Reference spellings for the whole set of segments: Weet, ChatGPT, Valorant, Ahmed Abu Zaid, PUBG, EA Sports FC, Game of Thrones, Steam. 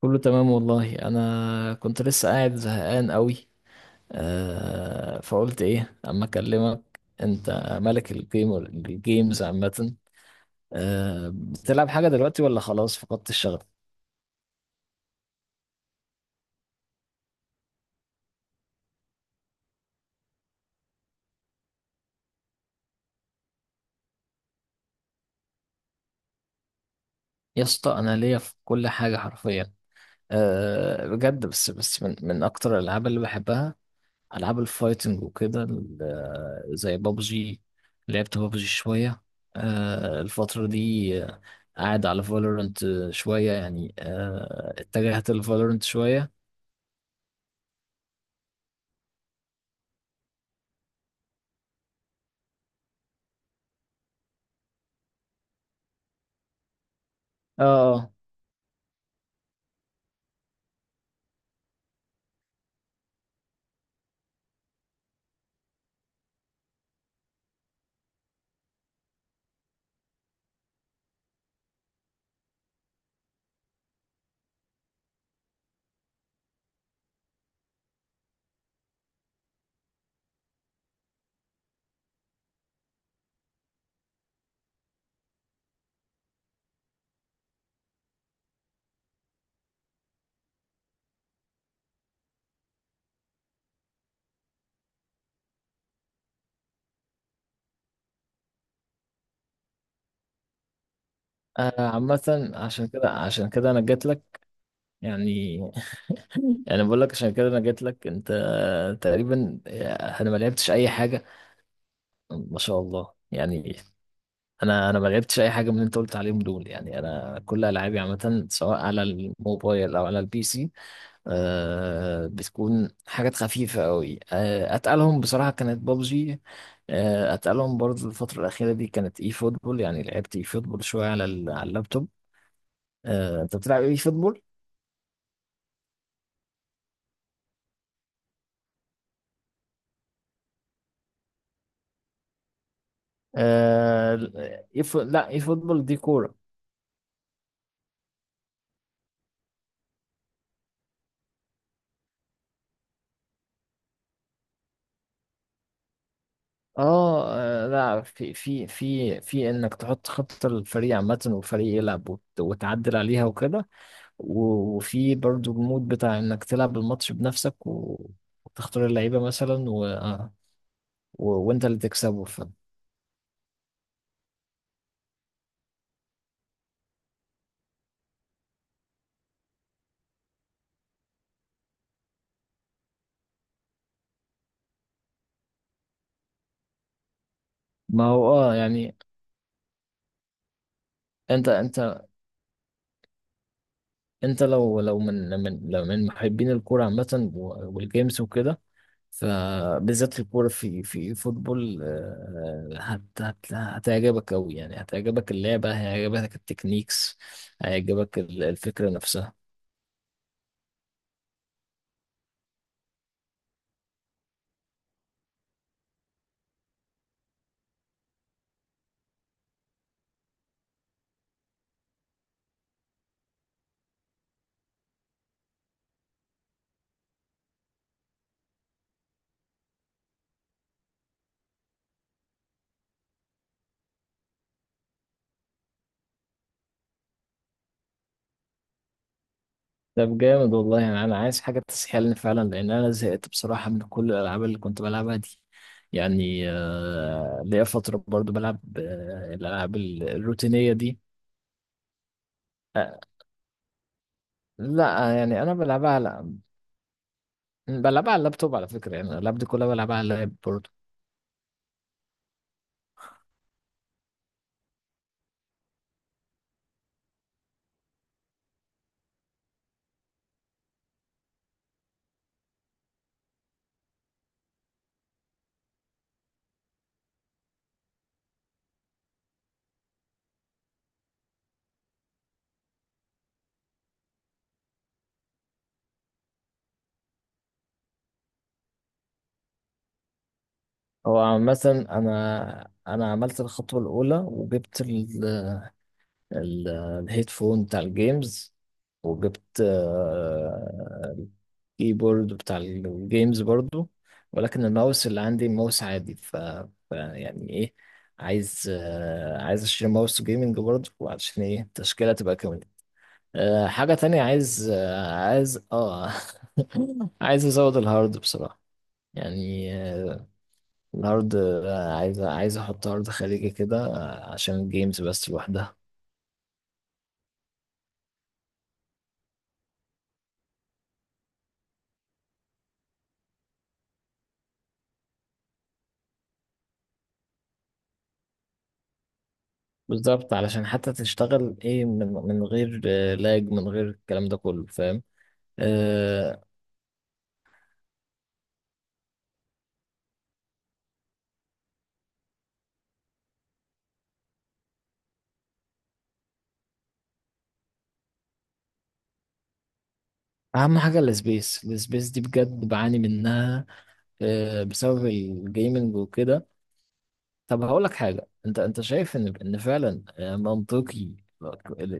كله تمام والله. انا كنت لسه قاعد زهقان قوي. آه، فقلت ايه اما اكلمك انت، ملك الجيم الجيمز عامه. آه، بتلعب حاجه دلوقتي ولا خلاص فقدت الشغف؟ يا اسطى انا ليا في كل حاجه حرفيا. آه بجد، بس من اكتر الالعاب اللي بحبها العاب الفايتنج وكده زي بابجي. لعبت بابجي شويه الفتره دي. آه، قاعد على فالورنت شويه يعني. اتجهت لفالورنت شويه. اه عامه، عشان كده انا جات لك يعني. يعني بقول لك عشان كده انا جات لك انت. تقريبا انا ما لعبتش اي حاجه. ما شاء الله يعني. انا ما لعبتش اي حاجه من اللي انت قلت عليهم دول. يعني انا كل العابي عامه سواء على الموبايل او على البي سي آه بتكون حاجات خفيفة قوي. آه، أتقلهم بصراحة كانت بابجي. آه، أتقلهم برضو الفترة الأخيرة دي كانت إي فوتبول. يعني لعبت إي فوتبول شوية على على اللابتوب. آه، أنت بتلعب إي فوتبول؟ آه، لا، إي فوتبول دي كورة. آه، لا، في إنك تحط خطة للفريق عامة والفريق يلعب وتعدل عليها وكده. وفي برضو المود بتاع إنك تلعب الماتش بنفسك وتختار اللعيبة مثلا وانت اللي تكسبه ما هو اه يعني. انت انت لو من لو من محبين الكوره عامه والجيمز وكده، فبالذات الكوره في فوتبول آه، هت هتعجبك قوي. يعني هتعجبك اللعبه، هيعجبك التكنيكس، هيعجبك الفكره نفسها. طب جامد والله يعني. انا عايز حاجه تسحلني فعلا لان انا زهقت بصراحه من كل الالعاب اللي كنت بلعبها دي. يعني ليا فتره برضو بلعب الالعاب الروتينيه دي. أه لا يعني انا بلعبها على بلعبها على اللابتوب على فكره. يعني اللاب دي كلها بلعبها على اللاب برضه. هو مثلا انا عملت الخطوه الاولى وجبت ال... الهيدفون بتاع الجيمز، وجبت الكيبورد بتاع الجيمز برضو، ولكن الماوس اللي عندي ماوس عادي ف... ف يعني ايه، عايز عايز اشتري ماوس جيمنج برضو، وعشان ايه التشكيله تبقى. أه حاجة تانية عايز أه عايز اه. عايز ازود الهارد بصراحة. يعني الهارد عايز احط هارد خارجي كده آه، عشان الجيمز بس لوحدها. بالظبط، علشان حتى تشتغل ايه من غير آه، لاج، من غير الكلام ده كله، فاهم. آه، اهم حاجة السبيس. دي بجد بعاني منها بسبب الجيمنج وكده. طب هقول لك حاجة. انت شايف ان فعلا آه، منطقي آه،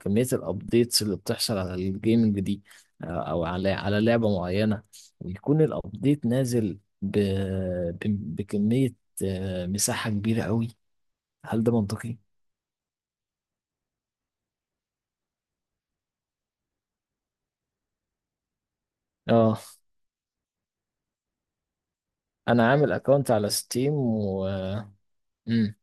كمية الابديتس اللي بتحصل على الجيمنج دي آه، او على لعبة معينة، ويكون الابديت نازل بكمية آه، مساحة كبيرة قوي؟ هل ده منطقي؟ اه انا عامل اكونت على ستيم. و مم.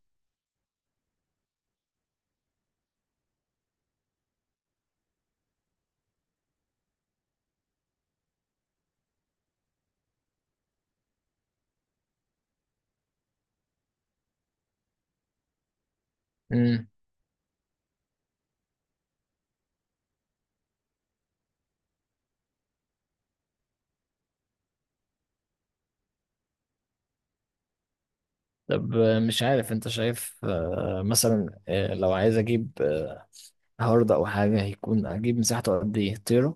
مم. طب آه، مش عارف انت شايف آه، مثلا آه، لو عايز اجيب آه، هارد او حاجة، هيكون اجيب مساحته قد ايه؟ تيرا؟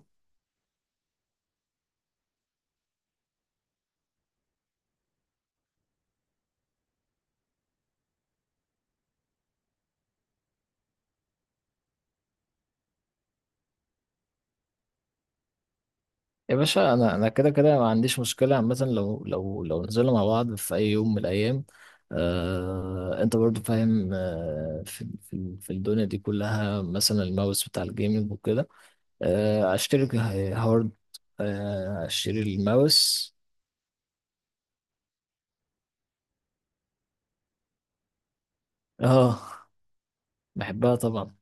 يا باشا انا كده كده ما عنديش مشكله عامه، لو لو نزلنا مع بعض في اي يوم من الايام. آه، انت برضو فاهم آه في الدنيا دي كلها، مثلا الماوس بتاع الجيمنج وكده، آه اشتري هارد، آه اشتري الماوس. اه بحبها طبعا.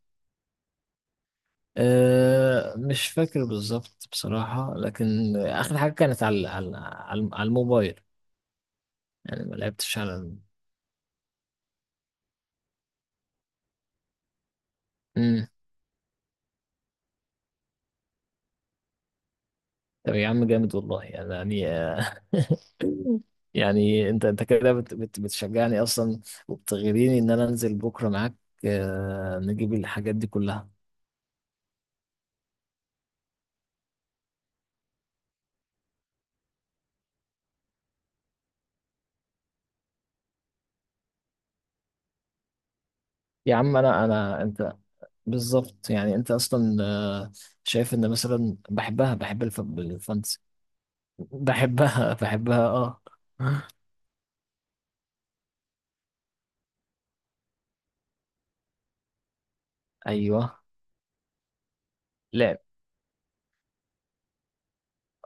آه، مش فاكر بالظبط بصراحه، لكن اخر حاجه كانت على على الموبايل. يعني ما لعبتش على مم. طب يا عم جامد والله يعني. يعني انت انت كده بت بتشجعني اصلا، وبتغريني ان انا انزل بكره معاك آه، نجيب الحاجات دي كلها. يا عم انا انت بالظبط. يعني انت اصلا آه، شايف ان مثلا بحبها، بحب الفانتسي. بحبها بحبها اه. ايوه لعب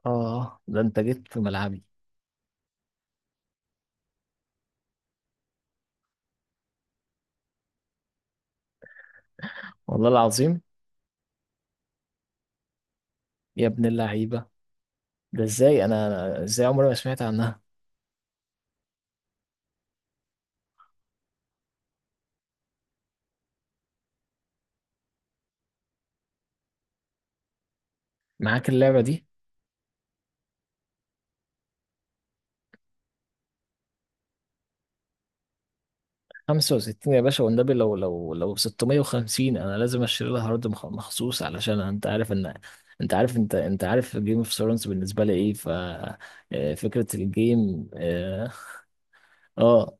اه. ده انت جيت في ملعبي والله العظيم. يا ابن اللعيبه، ده ازاي انا ازاي عمري ما سمعت عنها؟ معاك اللعبه دي؟ 65 يا باشا والنبي، لو لو 650، انا لازم اشتري لها هارد مخصوص. علشان انت عارف ان انت عارف، انت عارف جيم اوف ثرونز بالنسبه لي ايه، ف آه، فكره الجيم اه آه.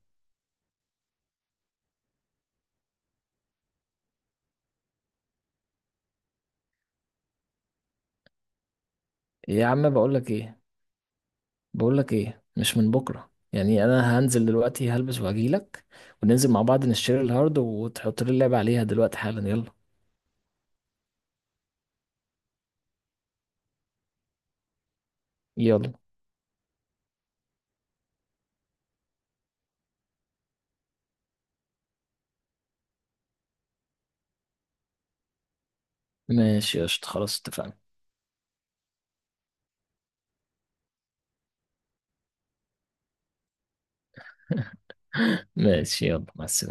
يا عم بقول لك ايه، بقول لك ايه، مش من بكره يعني، انا هنزل دلوقتي هلبس وهجي لك، وننزل مع بعض نشتري الهارد وتحط لي اللعبه عليها دلوقتي حالا، يلا. يلا ماشي قشطة خلاص اتفقنا. ماشي يلا مع السلامه.